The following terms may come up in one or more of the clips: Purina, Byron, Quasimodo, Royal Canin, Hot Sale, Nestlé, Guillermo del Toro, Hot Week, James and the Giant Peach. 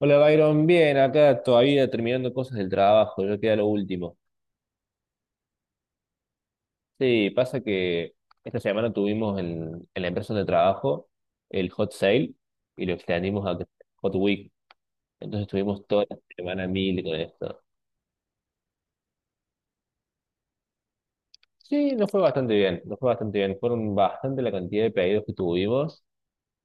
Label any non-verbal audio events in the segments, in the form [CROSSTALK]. Hola Byron, bien, acá todavía terminando cosas del trabajo, yo queda lo último. Sí, pasa que esta semana tuvimos en la empresa donde trabajo el Hot Sale y lo extendimos a Hot Week. Entonces estuvimos toda la semana mil con esto. Sí, nos fue bastante bien, nos fue bastante bien. Fueron bastante la cantidad de pedidos que tuvimos,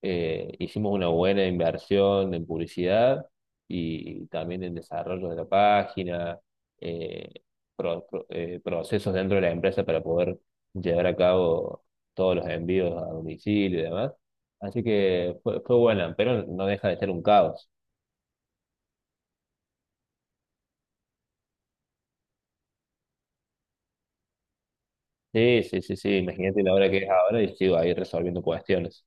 hicimos una buena inversión en publicidad y también en desarrollo de la página, eh, procesos dentro de la empresa para poder llevar a cabo todos los envíos a domicilio y demás. Así que fue buena, pero no deja de ser un caos. Sí, sí, sí, sí, imagínate la hora que es ahora y sigo ahí resolviendo cuestiones.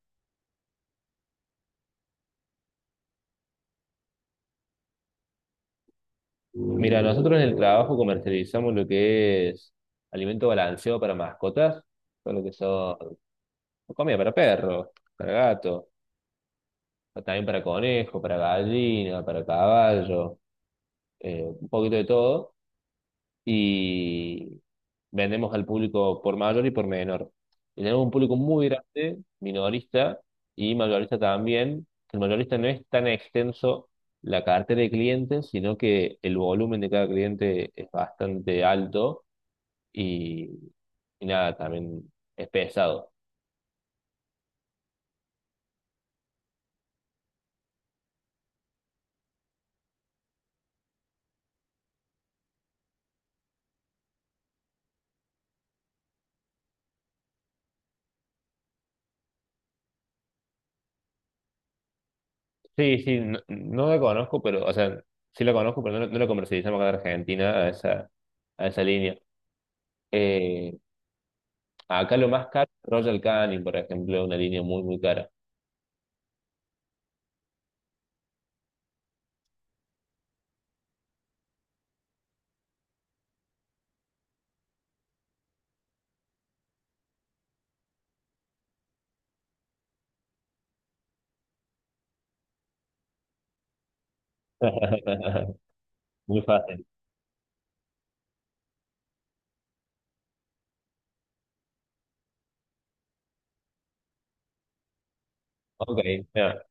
Mira, nosotros en el trabajo comercializamos lo que es alimento balanceado para mascotas, todo lo que son comida para perro, para gato, también para conejo, para gallina, para caballo, un poquito de todo. Y vendemos al público por mayor y por menor. Y tenemos un público muy grande, minorista y mayorista también. El mayorista no es tan extenso la cartera de clientes, sino que el volumen de cada cliente es bastante alto y, y nada, también es pesado. Sí, sí, no, no la conozco, pero, o sea, sí la conozco, pero no, no la comercializamos acá en Argentina a a esa línea. Eh, Acá lo más caro, Royal Canin, por ejemplo, una línea muy, muy cara. [LAUGHS] Muy fácil. Ok, ya.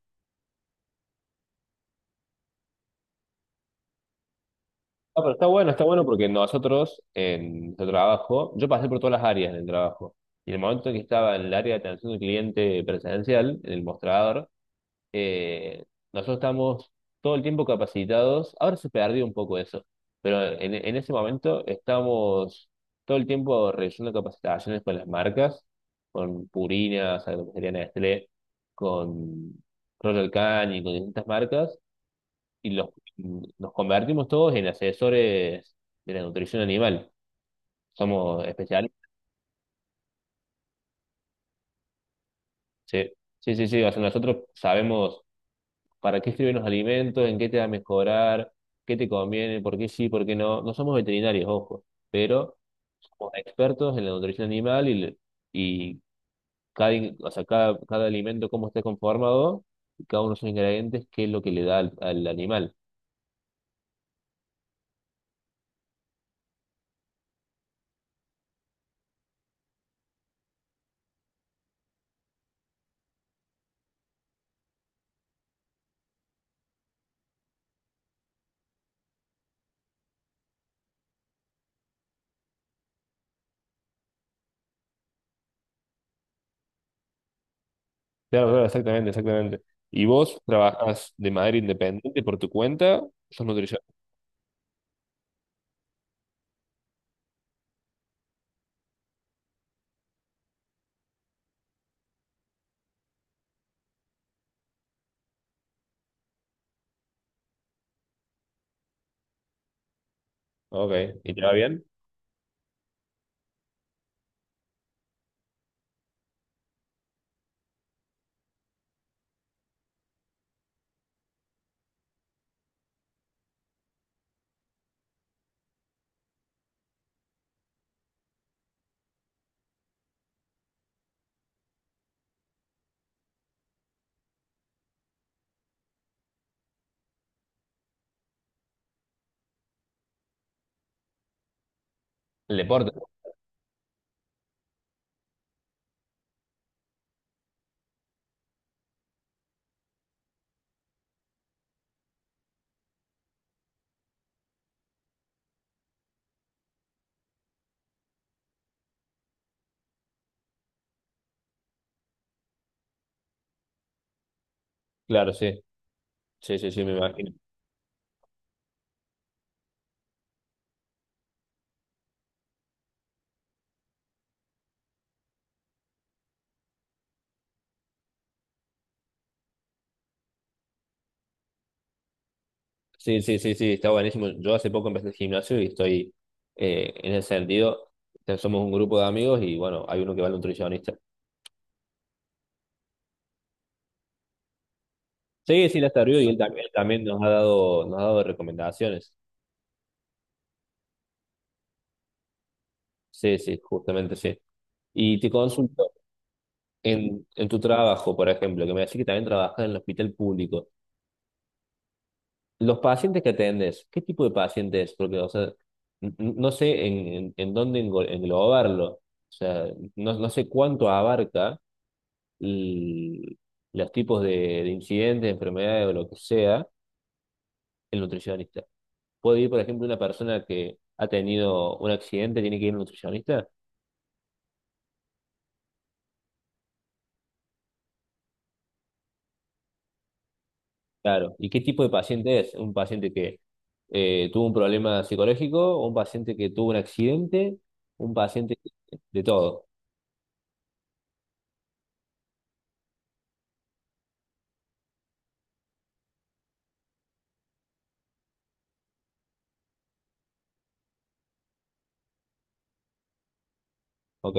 Ah, pero está bueno porque nosotros en nuestro trabajo, yo pasé por todas las áreas del trabajo. Y en el momento que estaba en el área de atención al cliente presencial, en el mostrador, eh, nosotros estamos todo el tiempo capacitados. Ahora se perdió un poco eso, pero en ese momento estamos todo el tiempo realizando capacitaciones con las marcas, con Purina, con lo que sería Nestlé, con Royal Canin, con distintas marcas, y los, nos convertimos todos en asesores de la nutrición animal. Somos especialistas. Sí, sí, sí, sí. O sea, nosotros sabemos para qué sirven los alimentos, en qué te va a mejorar, qué te conviene, por qué sí, por qué no. No somos veterinarios, ojo, pero somos expertos en la nutrición animal y cada, in- o sea, cada, cada alimento, cómo está conformado, y cada uno de sus ingredientes, qué es lo que le da al animal. Claro, claro, exactamente, exactamente. ¿Y vos trabajas de manera independiente por tu cuenta? ¿Sos nutricionista? Ok, ¿y te va bien? El deporte. Claro, sí. Sí, sí, sí, me imagino. Sí, sí, sí, sí, está buenísimo. Yo hace poco empecé el gimnasio y en ese sentido, ya somos un grupo de amigos y bueno, hay uno que va al nutricionista. Sí, sí, la está arriba y él también nos ha dado recomendaciones. Sí, sí, justamente sí. Y te consulto, en tu trabajo, por ejemplo, que me decís que también trabajas en el hospital público, los pacientes que atendes, ¿qué tipo de pacientes? Porque, o sea, no sé en dónde englobarlo. O sea, no, no sé cuánto abarca l- los tipos de incidentes, enfermedades o lo que sea, el nutricionista. ¿Puede ir, por ejemplo, una persona que ha tenido un accidente, tiene que ir a un nutricionista? Claro. ¿Y qué tipo de paciente es? ¿Un paciente que tuvo un problema psicológico? ¿Un paciente que tuvo un accidente? ¿Un paciente que- de todo? Ok.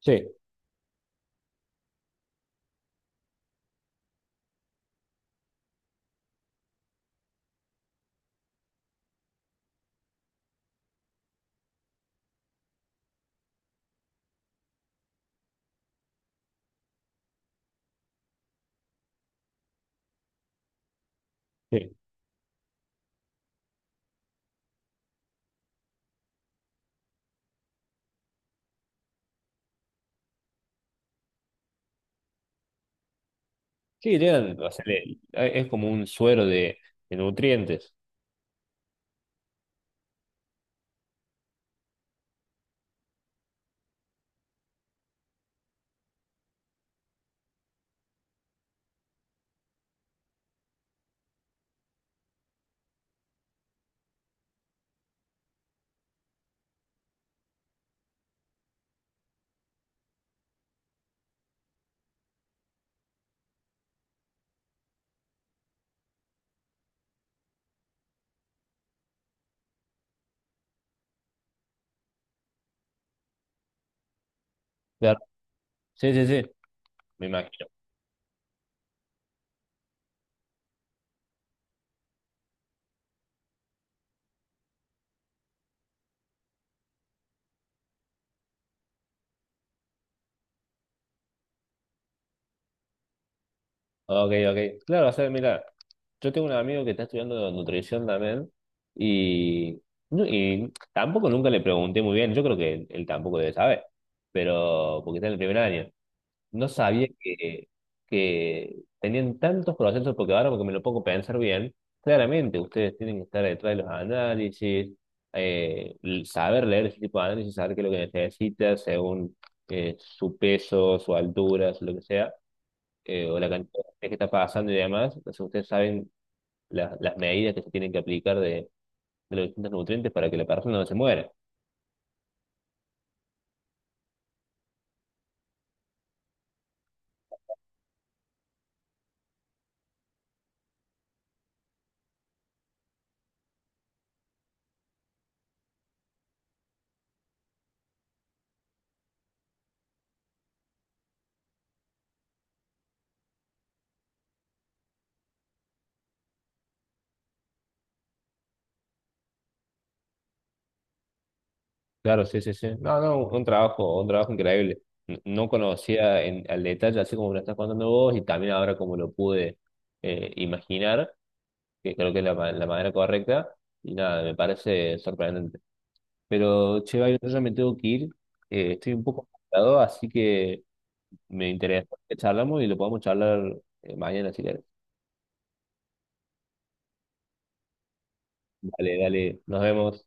Sí, sí. Sí, llegan, o sea, le- es como un suero de nutrientes. Claro. Sí, sí, sí, me imagino. Ok, ok. Claro, o sea, mira, yo tengo un amigo que está estudiando nutrición también y, no- y tampoco nunca le pregunté muy bien, yo creo que él tampoco debe saber, pero porque está en el primer año. No sabía que tenían tantos procesos, porque ahora porque me lo pongo a pensar bien, claramente ustedes tienen que estar detrás de los análisis, saber leer ese tipo de análisis, saber qué es lo que necesitas según su peso, su altura, su lo que sea, o la cantidad de que está pasando y demás, entonces ustedes saben las medidas que se tienen que aplicar de los distintos nutrientes para que la persona no se muera. Claro, sí, sí, sí. No, no, un trabajo increíble. No conocía al detalle, así como me lo estás contando vos, y también ahora como lo pude imaginar, que creo que es la manera correcta, y nada, me parece sorprendente. Pero, che, Byron, yo ya me tengo que ir, estoy un poco ocupado, así que me interesa que charlamos y lo podemos charlar mañana si querés. Dale, dale, nos vemos.